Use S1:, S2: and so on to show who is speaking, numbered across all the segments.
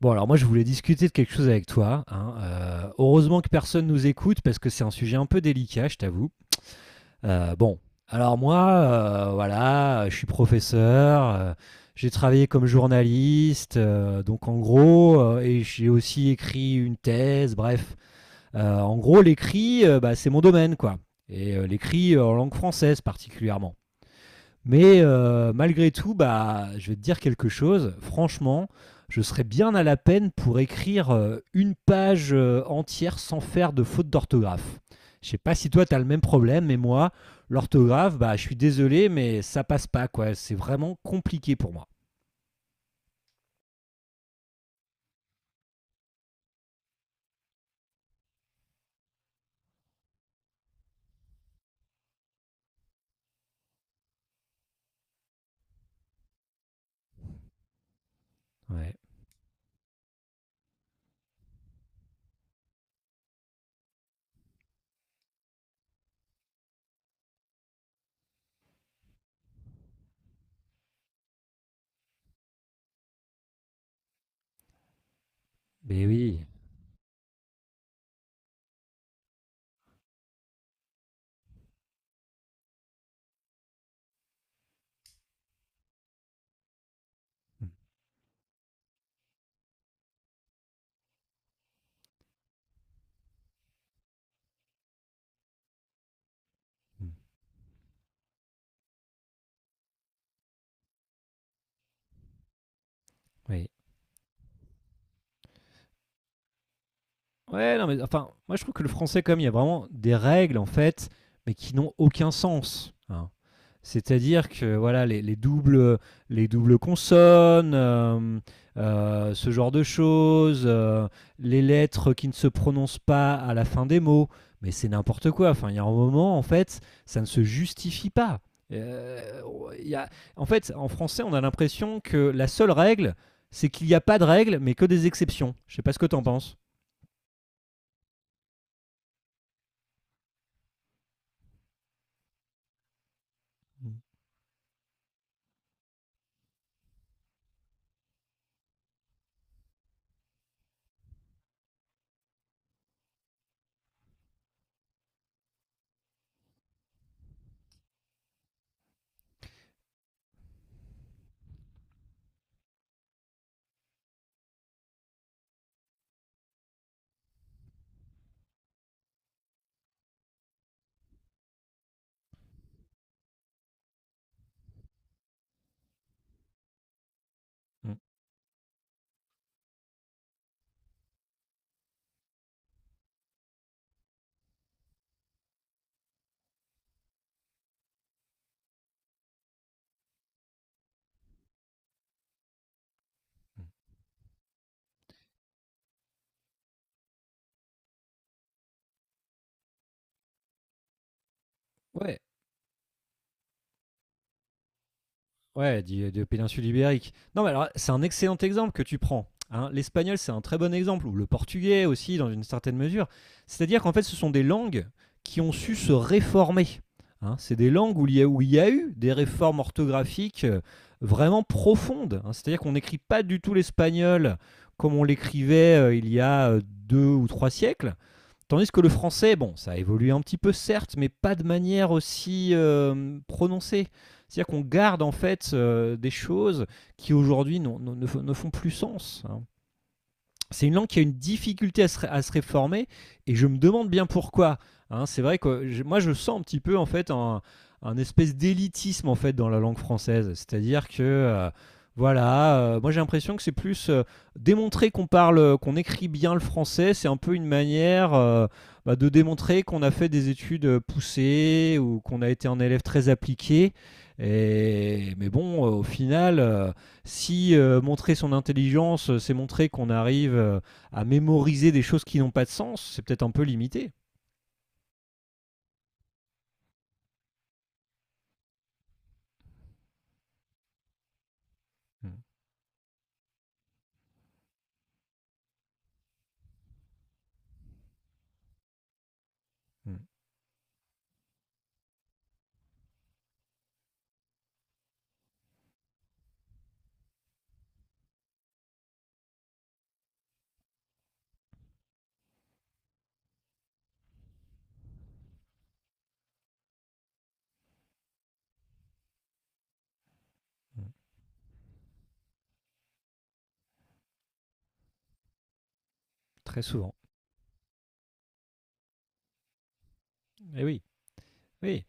S1: Bon, alors moi, je voulais discuter de quelque chose avec toi, hein. Heureusement que personne nous écoute parce que c'est un sujet un peu délicat, je t'avoue. Euh, bon, alors moi, voilà, je suis professeur, j'ai travaillé comme journaliste, donc en gros, et j'ai aussi écrit une thèse, bref. En gros, l'écrit, bah, c'est mon domaine, quoi. Et l'écrit en langue française particulièrement. Mais malgré tout, bah, je vais te dire quelque chose. Franchement, je serais bien à la peine pour écrire une page entière sans faire de faute d'orthographe. Je sais pas si toi, tu as le même problème, mais moi, l'orthographe, bah, je suis désolé, mais ça passe pas, quoi. C'est vraiment compliqué pour moi. Ouais. Mais oui. Mm. Mm. Oui. Ouais, non, mais enfin, moi je trouve que le français, comme il y a vraiment des règles en fait, mais qui n'ont aucun sens, hein. C'est-à-dire que voilà, les doubles, les doubles consonnes, ce genre de choses, les lettres qui ne se prononcent pas à la fin des mots, mais c'est n'importe quoi. Enfin, il y a un moment en fait, ça ne se justifie pas. Euh, il y a- En fait, en français, on a l'impression que la seule règle, c'est qu'il n'y a pas de règle, mais que des exceptions. Je sais pas ce que t'en penses. Mmh, mmh. Ouais, de péninsule ibérique. Non, mais alors, c'est un excellent exemple que tu prends, hein. L'espagnol, c'est un très bon exemple, ou le portugais aussi, dans une certaine mesure. C'est-à-dire qu'en fait, ce sont des langues qui ont su se réformer, hein. C'est des langues où il y a eu des réformes orthographiques vraiment profondes, hein. C'est-à-dire qu'on n'écrit pas du tout l'espagnol comme on l'écrivait il y a deux ou trois siècles. Tandis que le français, bon, ça a évolué un petit peu certes, mais pas de manière aussi prononcée. C'est-à-dire qu'on garde en fait des choses qui aujourd'hui ne font plus sens, hein. C'est une langue qui a une difficulté à à se réformer et je me demande bien pourquoi, hein. C'est vrai que moi je sens un petit peu en fait un espèce d'élitisme en fait dans la langue française, c'est-à-dire que voilà, moi j'ai l'impression que c'est plus démontrer qu'on parle, qu'on écrit bien le français, c'est un peu une manière bah, de démontrer qu'on a fait des études poussées ou qu'on a été un élève très appliqué. Et, mais bon, au final, si montrer son intelligence, c'est montrer qu'on arrive à mémoriser des choses qui n'ont pas de sens, c'est peut-être un peu limité. Mm, mm, mm. Très souvent. Et oui, oui.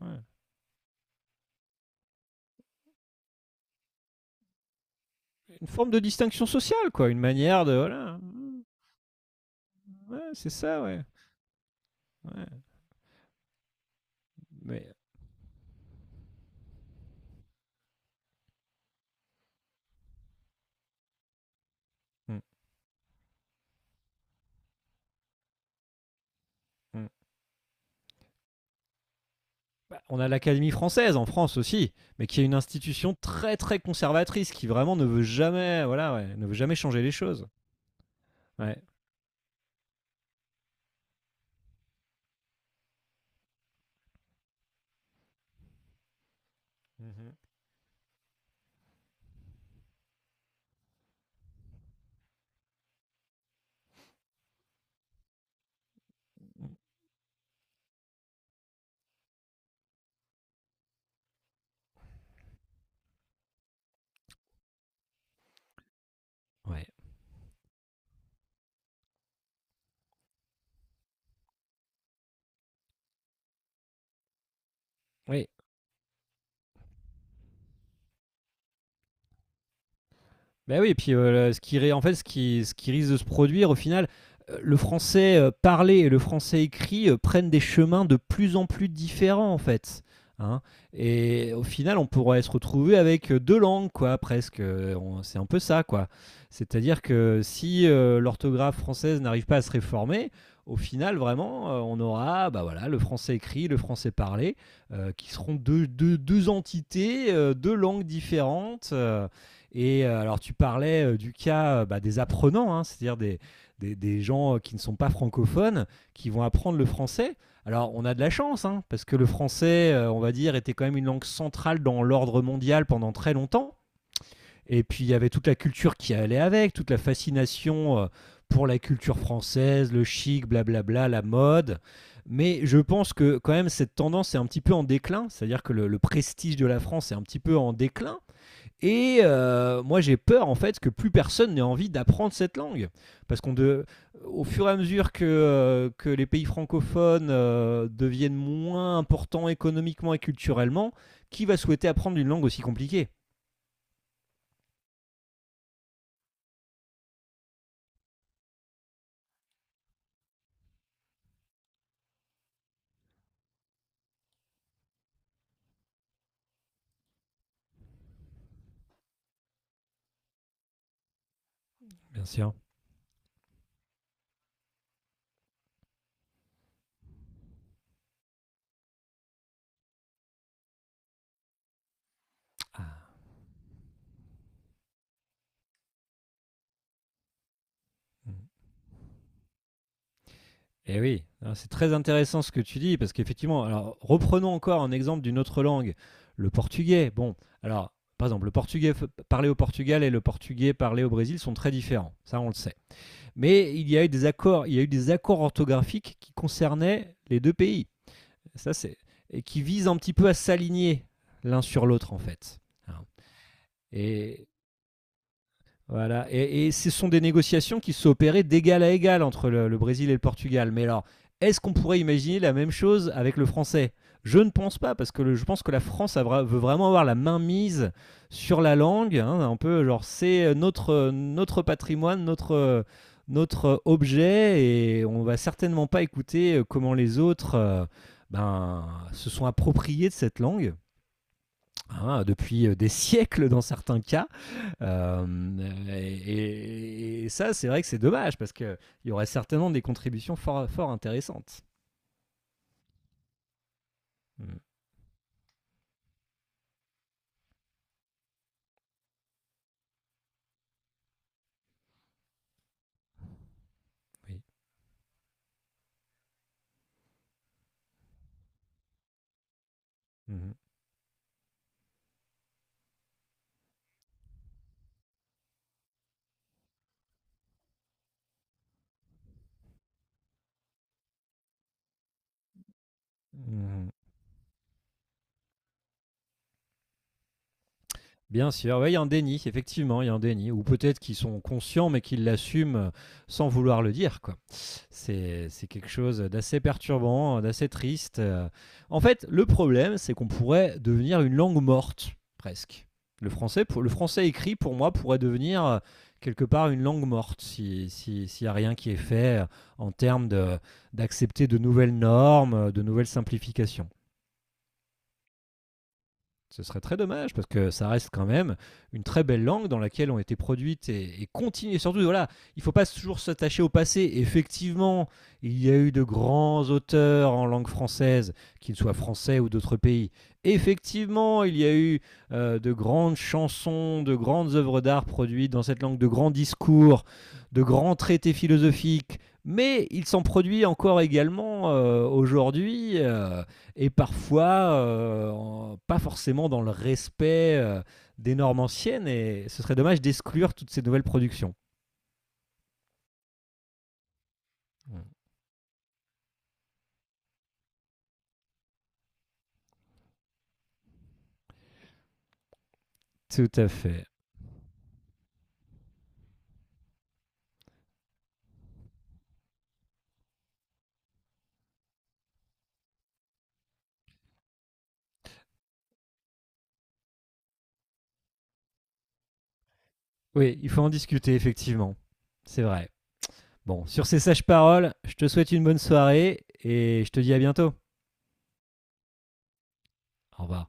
S1: Ouais. Une forme de distinction sociale, quoi. Une manière de. Voilà. Mmh, ouais, c'est ça, ouais. Ouais. Mais. Mm, mm. Bah, on a l'Académie française en France aussi, mais qui est une institution très très conservatrice qui vraiment ne veut jamais, voilà, ouais, ne veut jamais changer les choses. Ouais. Mm-hmm. Ouais. Oui. Ben oui, et puis ce qui, en fait, ce qui risque de se produire au final, le français parlé et le français écrit prennent des chemins de plus en plus différents en fait, hein. Et au final, on pourrait se retrouver avec deux langues, quoi, presque. C'est un peu ça, quoi. C'est-à-dire que si l'orthographe française n'arrive pas à se réformer, au final, vraiment, on aura bah voilà, le français écrit, le français parlé, qui seront deux entités, deux langues différentes. Et alors, tu parlais du cas bah, des apprenants, hein, c'est-à-dire des gens qui ne sont pas francophones, qui vont apprendre le français. Alors, on a de la chance, hein, parce que le français, on va dire, était quand même une langue centrale dans l'ordre mondial pendant très longtemps. Et puis, il y avait toute la culture qui allait avec, toute la fascination pour la culture française, le chic, blablabla, la mode. Mais je pense que quand même, cette tendance est un petit peu en déclin, c'est-à-dire que le prestige de la France est un petit peu en déclin. Et moi, j'ai peur en fait que plus personne n'ait envie d'apprendre cette langue. Parce qu'on de, Au fur et à mesure que les pays francophones deviennent moins importants économiquement et culturellement, qui va souhaiter apprendre une langue aussi compliquée. Bien sûr. Eh oui, hein, c'est très intéressant ce que tu dis, parce qu'effectivement, alors reprenons encore un exemple d'une autre langue, le portugais. Bon, alors, par exemple, le portugais parlé au Portugal et le portugais parlé au Brésil sont très différents, ça on le sait. Mais il y a eu des accords, il y a eu des accords orthographiques qui concernaient les deux pays. Ça, c'est et qui visent un petit peu à s'aligner l'un sur l'autre en fait. Hein. Et voilà, et ce sont des négociations qui se sont opérées d'égal à égal entre le Brésil et le Portugal. Mais alors, est-ce qu'on pourrait imaginer la même chose avec le français? Je ne pense pas, parce que je pense que la France a veut vraiment avoir la main mise sur la langue, hein, un peu genre c'est notre, notre patrimoine, notre, notre objet, et on va certainement pas écouter comment les autres ben, se sont appropriés de cette langue, hein, depuis des siècles dans certains cas. Euh, et ça, c'est vrai que c'est dommage parce qu'il y aurait certainement des contributions fort, fort intéressantes. Mm, oui. Mhm. Mhm. Bien sûr. Ouais, il y a un déni, effectivement, il y a un déni. Ou peut-être qu'ils sont conscients mais qu'ils l'assument sans vouloir le dire, quoi. C'est quelque chose d'assez perturbant, d'assez triste. En fait, le problème, c'est qu'on pourrait devenir une langue morte, presque. Le français, le français écrit, pour moi, pourrait devenir quelque part une langue morte s'il n'y a rien qui est fait en termes d'accepter de nouvelles normes, de nouvelles simplifications. Ce serait très dommage parce que ça reste quand même une très belle langue dans laquelle ont été produites et continuent. Et surtout, voilà, il ne faut pas toujours s'attacher au passé. Effectivement, il y a eu de grands auteurs en langue française, qu'ils soient français ou d'autres pays. Effectivement, il y a eu de grandes chansons, de grandes œuvres d'art produites dans cette langue, de grands discours, de grands traités philosophiques. Mais il s'en produit encore également aujourd'hui, et parfois pas forcément dans le respect des normes anciennes, et ce serait dommage d'exclure toutes ces nouvelles productions. Mm. Tout à fait. Oui, il faut en discuter, effectivement. C'est vrai. Bon, sur ces sages paroles, je te souhaite une bonne soirée, et je te dis à bientôt. Au revoir.